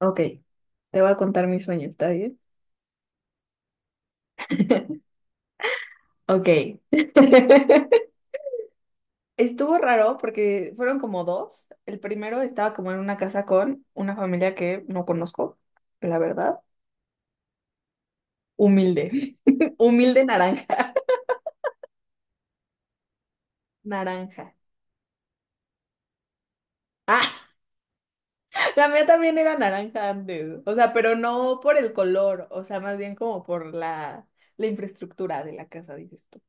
Ok, te voy a contar mis sueños, ¿está bien? Ok. Estuvo raro porque fueron como dos. El primero estaba como en una casa con una familia que no conozco, la verdad. Humilde. Humilde naranja. Naranja. Ah, la mía también era naranja antes. O sea, pero no por el color, o sea, más bien como por la infraestructura de la casa, dices tú.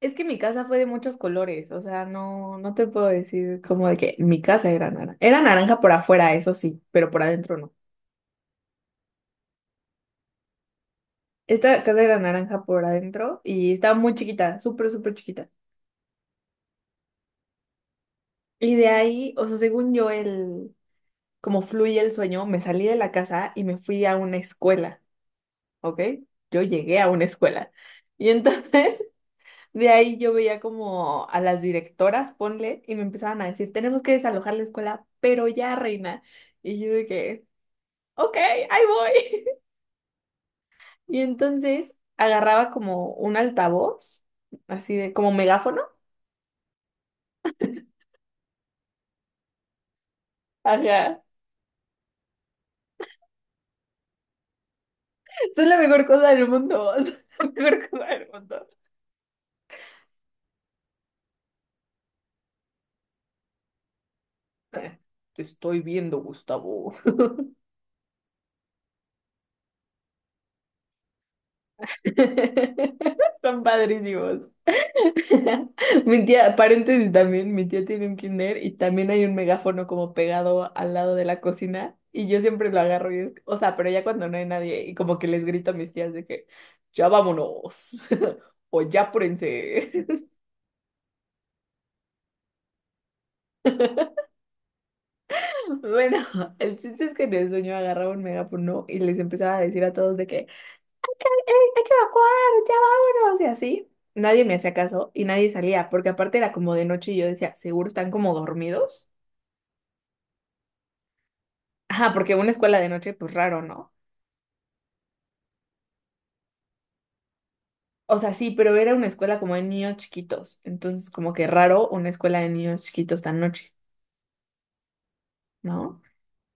Es que mi casa fue de muchos colores, o sea, no te puedo decir como de que mi casa era naranja. Era naranja por afuera, eso sí, pero por adentro no. Esta casa era naranja por adentro y estaba muy chiquita, súper, súper chiquita. Y de ahí, o sea, según yo, como fluye el sueño, me salí de la casa y me fui a una escuela, ¿ok? Yo llegué a una escuela. Y entonces, de ahí yo veía como a las directoras, ponle, y me empezaban a decir, tenemos que desalojar la escuela, pero ya, reina. Y yo de que... Ok, ahí voy. Y entonces agarraba como un altavoz, así de como megáfono. Ajá. Eso es la mejor cosa del mundo. es la mejor cosa del mundo. Te estoy viendo, Gustavo. Son padrísimos. Mi tía, paréntesis también, mi tía tiene un kinder y también hay un megáfono como pegado al lado de la cocina y yo siempre lo agarro y es, o sea, pero ya cuando no hay nadie y como que les grito a mis tías de que ya vámonos o ya apúrense. Bueno, el chiste es que en el sueño agarraba un megáfono y les empezaba a decir a todos de que "Ey, hay que evacuar, ya vámonos", y así. Nadie me hacía caso y nadie salía, porque aparte era como de noche y yo decía, seguro están como dormidos. Ajá, porque una escuela de noche, pues raro, ¿no? O sea, sí, pero era una escuela como de niños chiquitos, entonces como que raro una escuela de niños chiquitos tan noche, ¿no?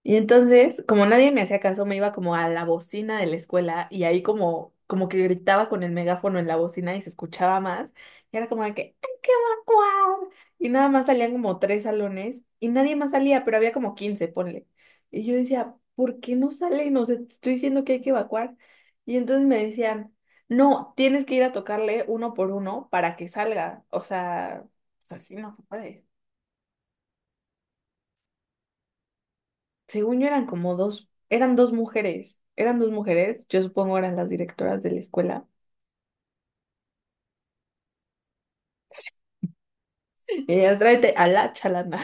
Y entonces, como nadie me hacía caso, me iba como a la bocina de la escuela y ahí como, que gritaba con el megáfono en la bocina y se escuchaba más. Y era como de que, ¡hay que evacuar! Y nada más salían como tres salones y nadie más salía, pero había como 15 ponle. Y yo decía, ¿por qué no salen? O sea, te estoy diciendo que hay que evacuar. Y entonces me decían, no, tienes que ir a tocarle uno por uno para que salga. O sea, pues así no se puede. Según yo eran como dos, eran dos mujeres, yo supongo eran las directoras de la escuela. Y ellas, tráete a la chalana.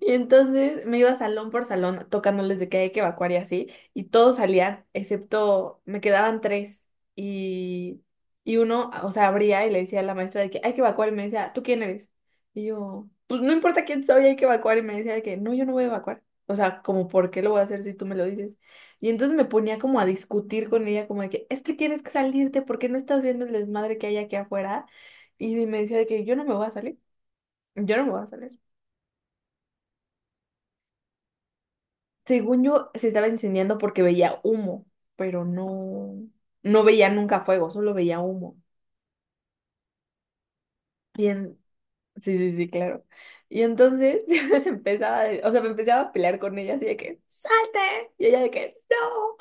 Y entonces me iba salón por salón tocándoles de que hay que evacuar y así, y todos salían, excepto me quedaban tres. Y, y uno, o sea, abría y le decía a la maestra de que hay que evacuar y me decía, ¿tú quién eres? Y yo, pues no importa quién soy, hay que evacuar. Y me decía de que no, yo no voy a evacuar. O sea, como, ¿por qué lo voy a hacer si tú me lo dices? Y entonces me ponía como a discutir con ella, como de que es que tienes que salirte, ¿por qué no estás viendo el desmadre que hay aquí afuera? Y me decía de que yo no me voy a salir, yo no me voy a salir. Según yo, se estaba incendiando porque veía humo, pero no, no veía nunca fuego, solo veía humo. Y en... Sí, sí, sí, claro. Y entonces yo les empezaba, o sea, me empezaba a pelear con ella así de que, ¡salte! Y ella de que, ¡no!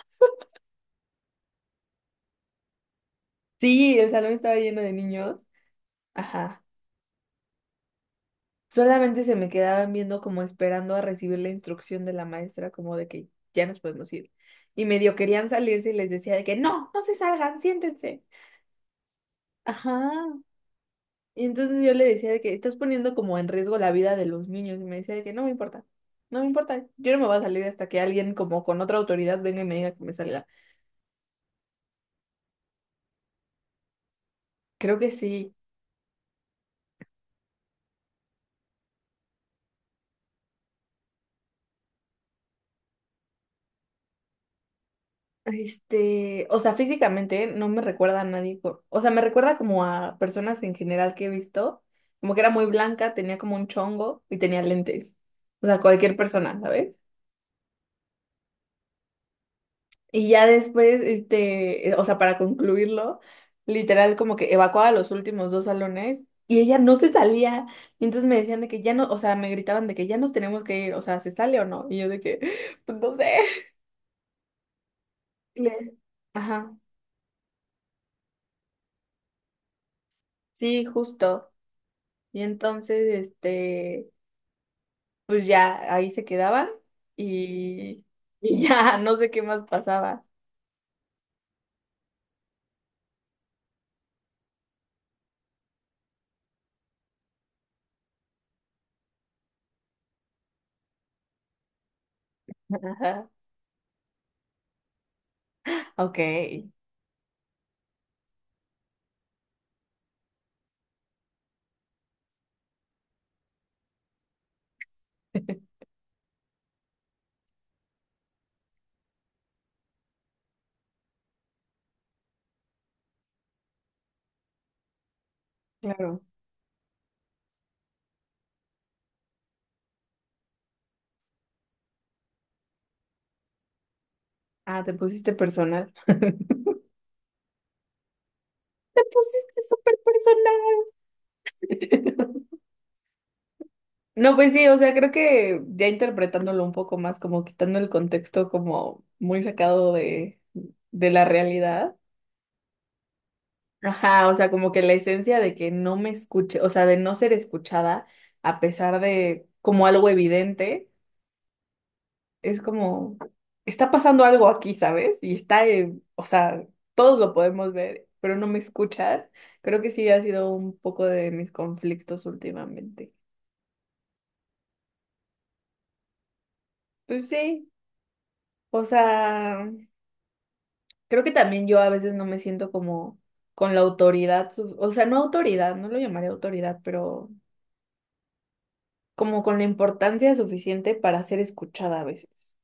Sí, el salón estaba lleno de niños. Ajá. Solamente se me quedaban viendo como esperando a recibir la instrucción de la maestra, como de que ya nos podemos ir. Y medio querían salirse y les decía de que, ¡no! ¡No se salgan! ¡Siéntense! Ajá. Y entonces yo le decía de que estás poniendo como en riesgo la vida de los niños. Y me decía de que no me importa, no me importa. Yo no me voy a salir hasta que alguien como con otra autoridad venga y me diga que me salga. Creo que sí. O sea, físicamente no me recuerda a nadie. O sea, me recuerda como a personas en general que he visto. Como que era muy blanca, tenía como un chongo y tenía lentes. O sea, cualquier persona, ¿sabes? Y ya después, o sea, para concluirlo, literal como que evacuaba los últimos dos salones y ella no se salía. Y entonces me decían de que ya no, o sea, me gritaban de que ya nos tenemos que ir, o sea, ¿se sale o no? Y yo de que, pues no sé. Y le- Ajá, sí, justo. Y entonces, pues ya ahí se quedaban y, y ya no sé qué más pasaba. Ajá. Ok, claro. Ah, te pusiste personal. Te pusiste súper personal. No, pues sí, o sea, creo que ya interpretándolo un poco más, como quitando el contexto como muy sacado de la realidad. Ajá, o sea, como que la esencia de que no me escuche, o sea, de no ser escuchada a pesar de como algo evidente, es como, está pasando algo aquí, ¿sabes? Y está, o sea, todos lo podemos ver, pero no me escuchar. Creo que sí ha sido un poco de mis conflictos últimamente. Pues sí, o sea... Creo que también yo a veces no me siento como con la autoridad, o sea, no autoridad, no lo llamaré autoridad, pero como con la importancia suficiente para ser escuchada a veces.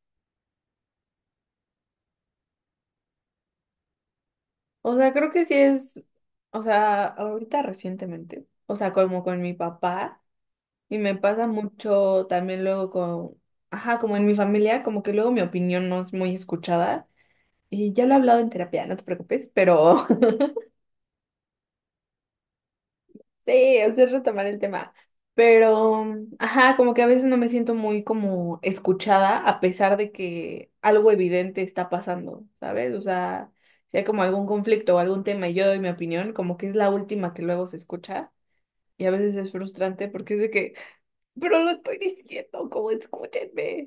O sea, creo que sí es, o sea, ahorita recientemente, o sea, como con mi papá, y me pasa mucho también luego con, ajá, como en mi familia, como que luego mi opinión no es muy escuchada, y ya lo he hablado en terapia, no te preocupes, pero. Sí, o sea, es retomar el tema. Pero, ajá, como que a veces no me siento muy como escuchada a pesar de que algo evidente está pasando, ¿sabes? O sea, si hay como algún conflicto o algún tema y yo doy mi opinión, como que es la última que luego se escucha y a veces es frustrante porque es de que, pero lo estoy diciendo, como escúchenme.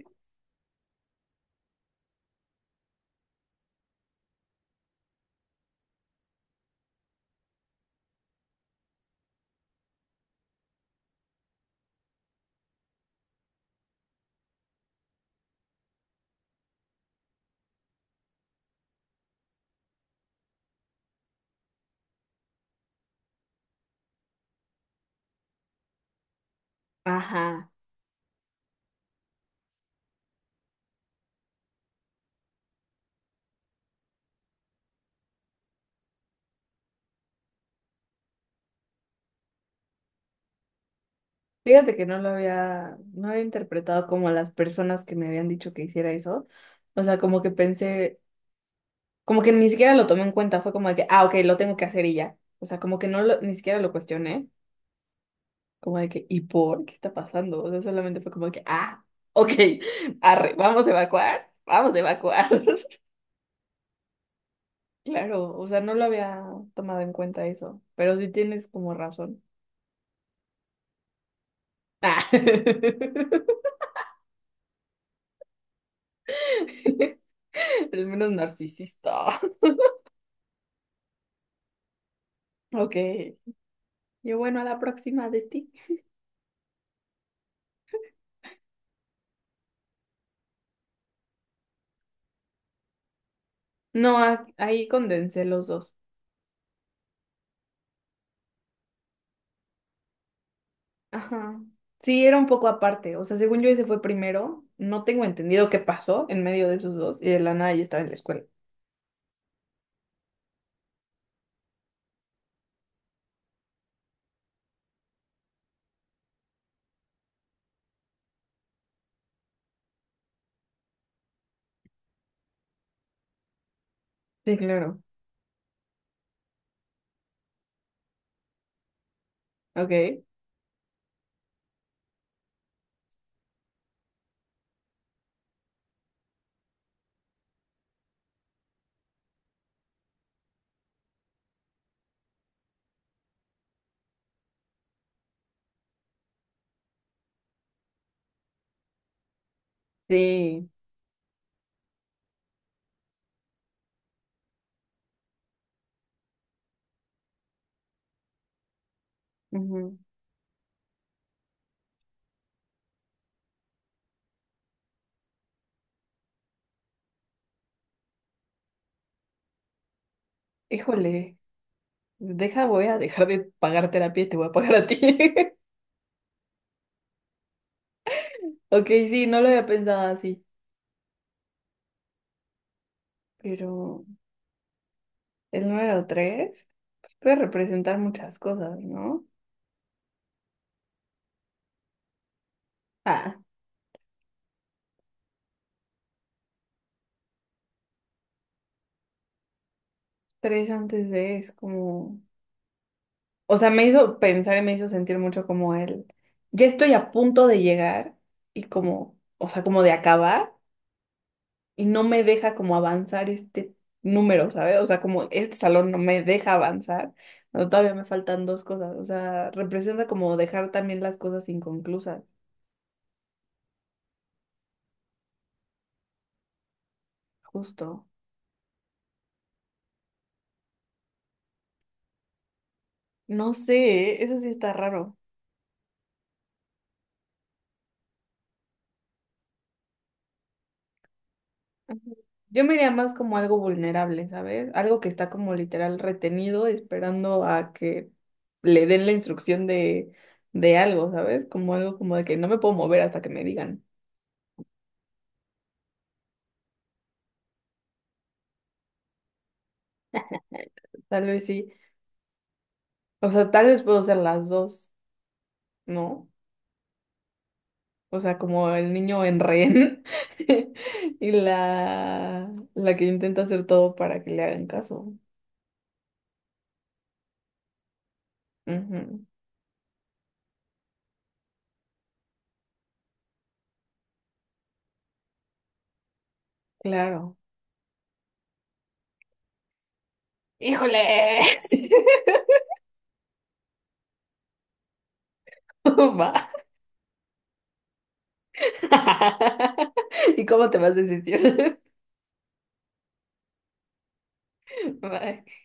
Ajá. Fíjate que no había interpretado como las personas que me habían dicho que hiciera eso. O sea, como que pensé, como que ni siquiera lo tomé en cuenta, fue como de que, ah, ok, lo tengo que hacer y ya. O sea, como que ni siquiera lo cuestioné, como de que, ¿y por qué está pasando? O sea, solamente fue como de que, ah, ok, arre, vamos a evacuar, vamos a evacuar. Claro, o sea, no lo había tomado en cuenta eso, pero sí tienes como razón. Ah. El menos narcisista. Ok, yo bueno, a la próxima de ti. No, ahí condensé los dos. Ajá. Sí, era un poco aparte. O sea, según yo ese fue primero. No tengo entendido qué pasó en medio de esos dos. Y de la nada ya estaba en la escuela. Sí, claro. Ok. Sí. Ujú. Híjole. Deja, voy a dejar de pagar terapia y te voy a pagar a ti. Ok, sí, no lo había pensado así. Pero el número tres puede representar muchas cosas, ¿no? Ah, tres antes de es como. O sea, me hizo pensar y me hizo sentir mucho como ya estoy a punto de llegar y como, o sea, como de acabar y no me deja como avanzar este número, ¿sabes? O sea, como este salón no me deja avanzar, no, todavía me faltan dos cosas, o sea, representa como dejar también las cosas inconclusas, justo. No sé, ¿eh? Eso sí está raro. Ujú. Yo me iría más como algo vulnerable, ¿sabes? Algo que está como literal retenido, esperando a que le den la instrucción de, algo, ¿sabes? Como algo como de que no me puedo mover hasta que me digan. Tal vez sí. O sea, tal vez puedo ser las dos, ¿no? O sea, como el niño en rehén y la que intenta hacer todo para que le hagan caso. Ujú, claro. ¡Híjoles! Va. ¿Y cómo te vas a desistir? Bye.